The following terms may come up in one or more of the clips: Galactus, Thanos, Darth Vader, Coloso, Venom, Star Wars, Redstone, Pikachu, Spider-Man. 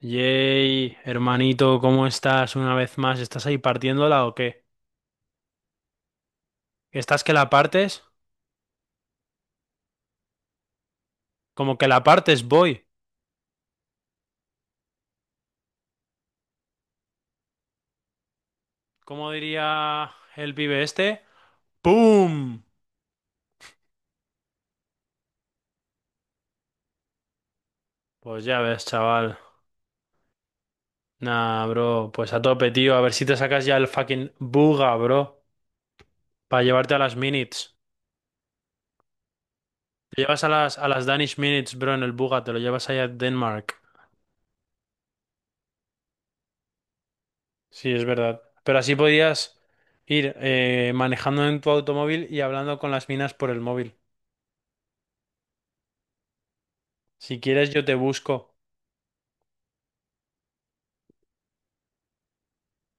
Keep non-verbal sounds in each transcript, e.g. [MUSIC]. Yay, hermanito, ¿cómo estás una vez más? ¿Estás ahí partiéndola o qué? ¿Estás que la partes? Como que la partes, voy. ¿Cómo diría el pibe este? ¡Pum! Pues ya ves, chaval. Nah, bro, pues a tope, tío. A ver si te sacas ya el fucking buga, bro. Para llevarte a las minutes. Te llevas a las Danish minutes, bro, en el buga. Te lo llevas allá a Denmark. Sí, es verdad. Pero así podías ir manejando en tu automóvil y hablando con las minas por el móvil. Si quieres, yo te busco.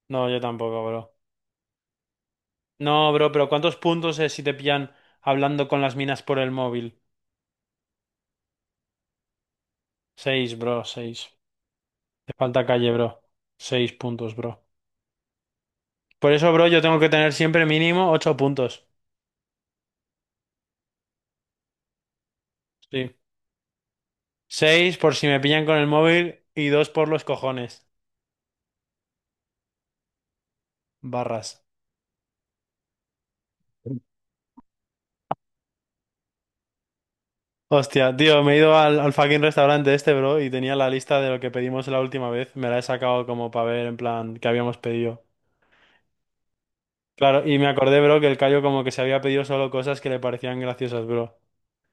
No, yo tampoco, bro. No, bro, pero ¿cuántos puntos es si te pillan hablando con las minas por el móvil? Seis, bro, seis. Te falta calle, bro. 6 puntos, bro. Por eso, bro, yo tengo que tener siempre mínimo 8 puntos. Sí. Seis por si me pillan con el móvil y dos por los cojones. Barras. Hostia, tío, me he ido al fucking restaurante este, bro, y tenía la lista de lo que pedimos la última vez. Me la he sacado como para ver, en plan, qué habíamos pedido. Claro, y me acordé, bro, que el Cayo como que se había pedido solo cosas que le parecían graciosas, bro.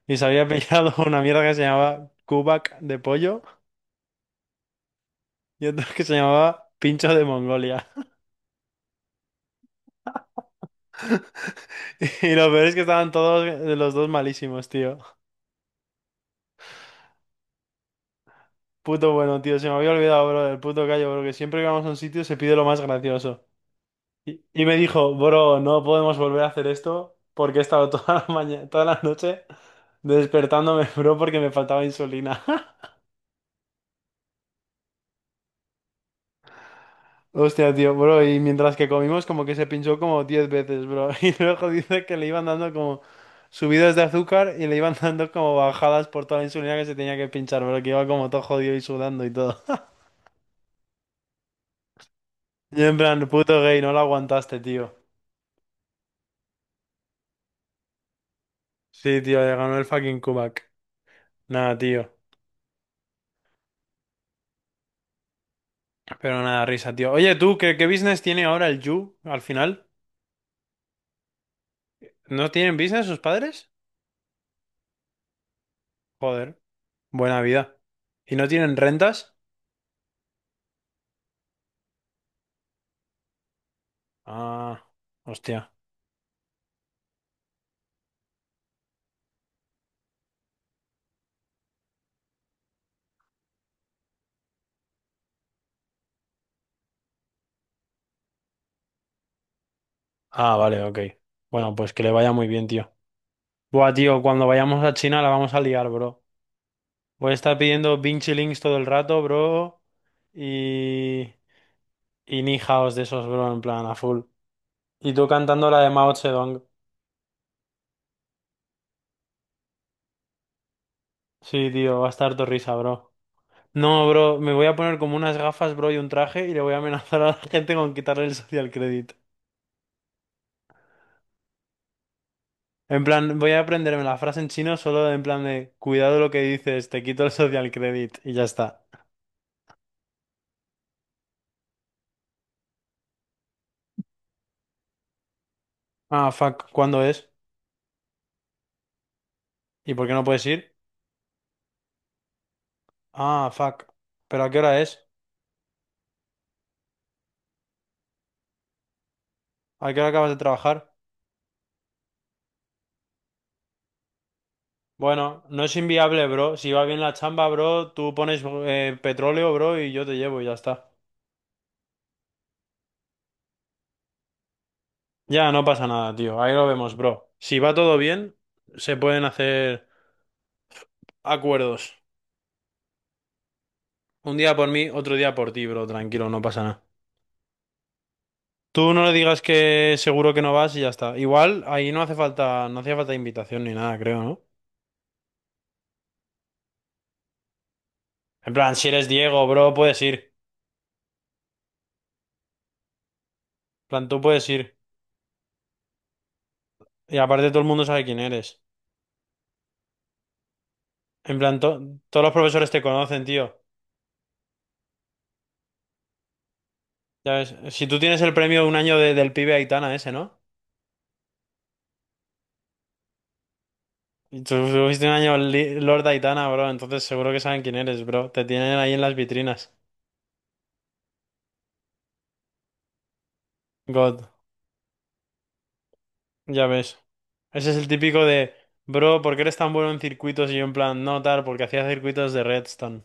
Y se había pillado [LAUGHS] una mierda que se llamaba kubak de pollo y otra que se llamaba pincho de Mongolia. [LAUGHS] Y lo peor es que estaban todos los dos malísimos, tío. Puto bueno, tío, se me había olvidado, bro, del puto Cayo, bro, que siempre que vamos a un sitio se pide lo más gracioso. Y me dijo, bro, no podemos volver a hacer esto porque he estado toda la mañana, toda la noche despertándome, [LAUGHS] bro, porque me faltaba insulina. [LAUGHS] Hostia, tío, bro, y mientras que comimos como que se pinchó como 10 veces, bro. [LAUGHS] Y luego dice que le iban dando como subidas de azúcar y le iban dando como bajadas por toda la insulina que se tenía que pinchar, bro, que iba como todo jodido y sudando y todo. [LAUGHS] Y en plan, puto gay, no lo aguantaste, tío. Sí, tío, le ganó el fucking Kubak. Nada, tío. Pero nada, risa, tío. Oye, tú, ¿qué business tiene ahora el Yu al final? ¿No tienen business sus padres? Joder, buena vida. ¿Y no tienen rentas? Ah, hostia. Ah, vale, ok. Bueno, pues que le vaya muy bien, tío. Buah, tío, cuando vayamos a China la vamos a liar, bro. Voy a estar pidiendo Vinci Links todo el rato, bro. Y... Y Ni Haos de esos, bro, en plan, a full. Y tú cantando la de Mao Zedong. Sí, tío, va a estar tu risa, bro. No, bro, me voy a poner como unas gafas, bro, y un traje y le voy a amenazar a la gente con quitarle el social credit. En plan, voy a aprenderme la frase en chino solo en plan de cuidado lo que dices, te quito el social credit y ya está. Ah, fuck, ¿cuándo es? ¿Y por qué no puedes ir? Ah, fuck. ¿Pero a qué hora es? ¿A qué hora acabas de trabajar? Bueno, no es inviable, bro. Si va bien la chamba, bro, tú pones petróleo, bro, y yo te llevo y ya está. Ya, no pasa nada, tío. Ahí lo vemos, bro. Si va todo bien, se pueden hacer acuerdos. Un día por mí, otro día por ti, bro. Tranquilo, no pasa nada. Tú no le digas que seguro que no vas y ya está. Igual, ahí no hace falta, no hacía falta invitación ni nada, creo, ¿no? En plan, si eres Diego, bro, puedes ir. En plan, tú puedes ir. Y aparte todo el mundo sabe quién eres. En plan, todos los profesores te conocen, tío. Ya ves, si tú tienes el premio de un año del pibe Aitana ese, ¿no? Y tú tuviste un año Lord Aitana, bro, entonces seguro que saben quién eres, bro. Te tienen ahí en las vitrinas. God, ya ves. Ese es el típico de, bro, ¿por qué eres tan bueno en circuitos? Y yo en plan, no, tal, porque hacía circuitos de Redstone.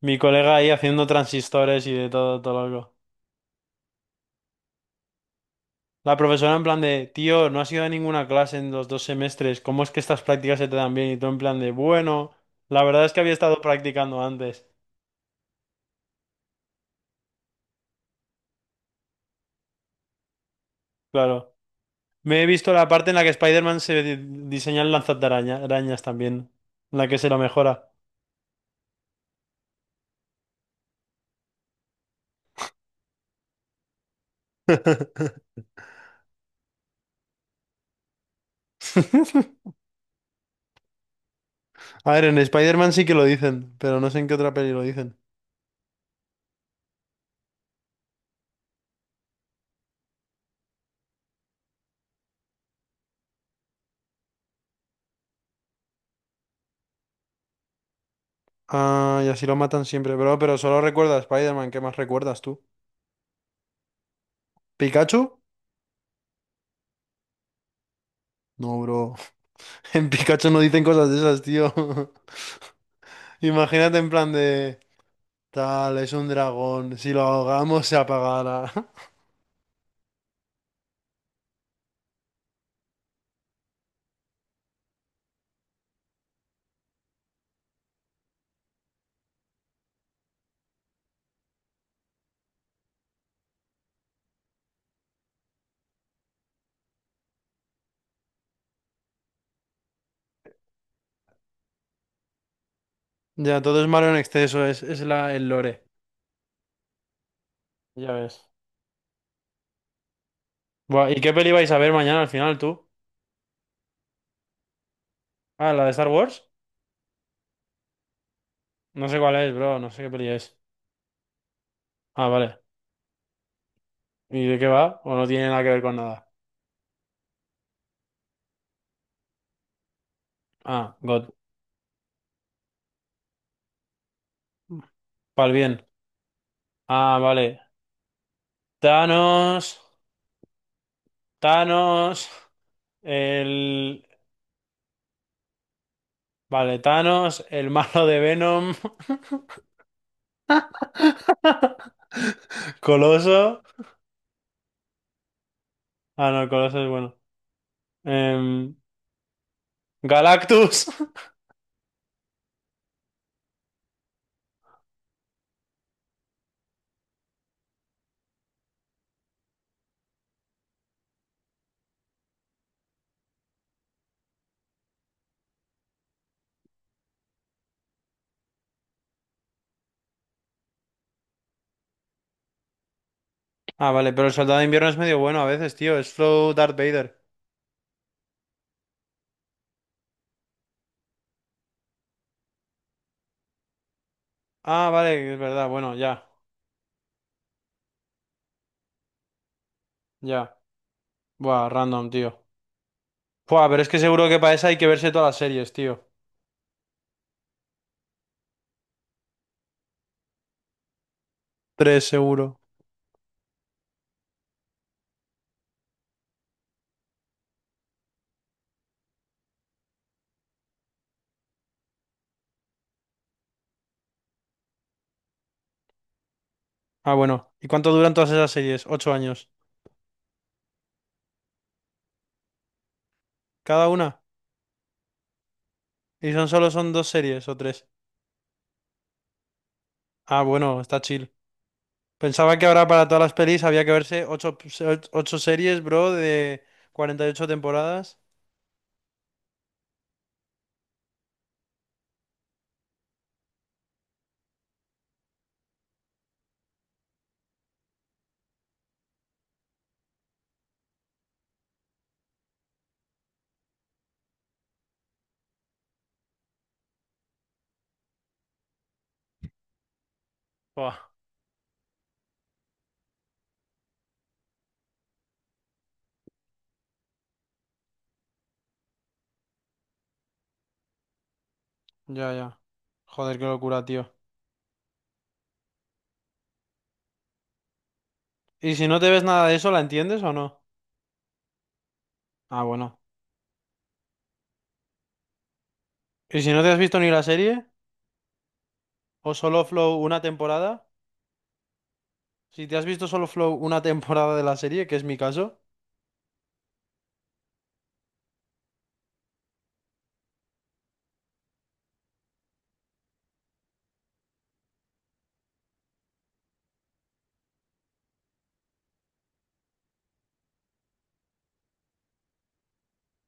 Mi colega ahí haciendo transistores y de todo, todo loco. La profesora en plan de, tío, no has ido a ninguna clase en los 2 semestres, ¿cómo es que estas prácticas se te dan bien? Y tú en plan de, bueno, la verdad es que había estado practicando antes. Claro. Me he visto la parte en la que Spider-Man diseña el araña arañas también, en la que se lo mejora. [LAUGHS] A ver, en Spider-Man sí que lo dicen, pero no sé en qué otra peli lo dicen. Ah, y así lo matan siempre, bro, pero solo recuerda a Spider-Man, ¿qué más recuerdas tú? ¿Pikachu? No, bro. [LAUGHS] En Pikachu no dicen cosas de esas, tío. [LAUGHS] Imagínate en plan de. Tal, es un dragón. Si lo ahogamos, se apagará. [LAUGHS] Ya, todo es malo en exceso, es la, el lore. Ya ves. Buah, ¿y qué peli vais a ver mañana al final, tú? Ah, ¿la de Star Wars? No sé cuál es, bro, no sé qué peli es. Ah, vale. ¿Y de qué va? ¿O no tiene nada que ver con nada? Ah, God. Pal bien. Ah, vale. Thanos. Thanos. El. Vale, Thanos, el malo de Venom. [LAUGHS] Coloso. Ah, no, Coloso es bueno. Em, Galactus. [LAUGHS] Ah, vale, pero el soldado de invierno es medio bueno a veces, tío. Es Flow Darth Vader. Ah, vale, es verdad. Bueno, ya, ya. Buah, random, tío. Buah, pero es que seguro que para esa hay que verse todas las series, tío. Tres, seguro. Ah, bueno. ¿Y cuánto duran todas esas series? 8 años. ¿Cada una? ¿Y son solo son dos series o tres? Ah, bueno, está chill. Pensaba que ahora para todas las pelis había que verse ocho series, bro, de 48 temporadas. Buah, ya, ya. Joder, qué locura, tío. ¿Y si no te ves nada de eso, la entiendes o no? Ah, bueno. Y si no te has visto ni la serie, o solo Flow una temporada, si te has visto solo Flow una temporada de la serie, que es mi caso,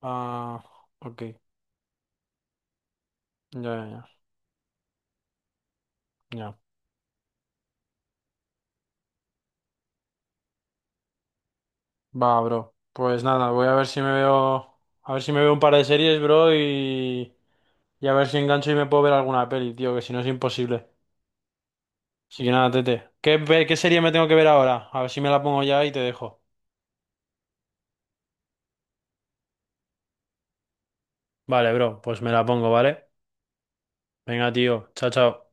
ah, ok, ya, ya, ya, ya. Va, bro. Pues nada, voy a ver si me veo, a ver si me veo un par de series, bro, y a ver si engancho y me puedo ver alguna peli, tío, que si no es imposible. Así que nada, tete. ¿Qué, qué serie me tengo que ver ahora? A ver si me la pongo ya y te dejo. Vale, bro, pues me la pongo, ¿vale? Venga, tío, chao, chao.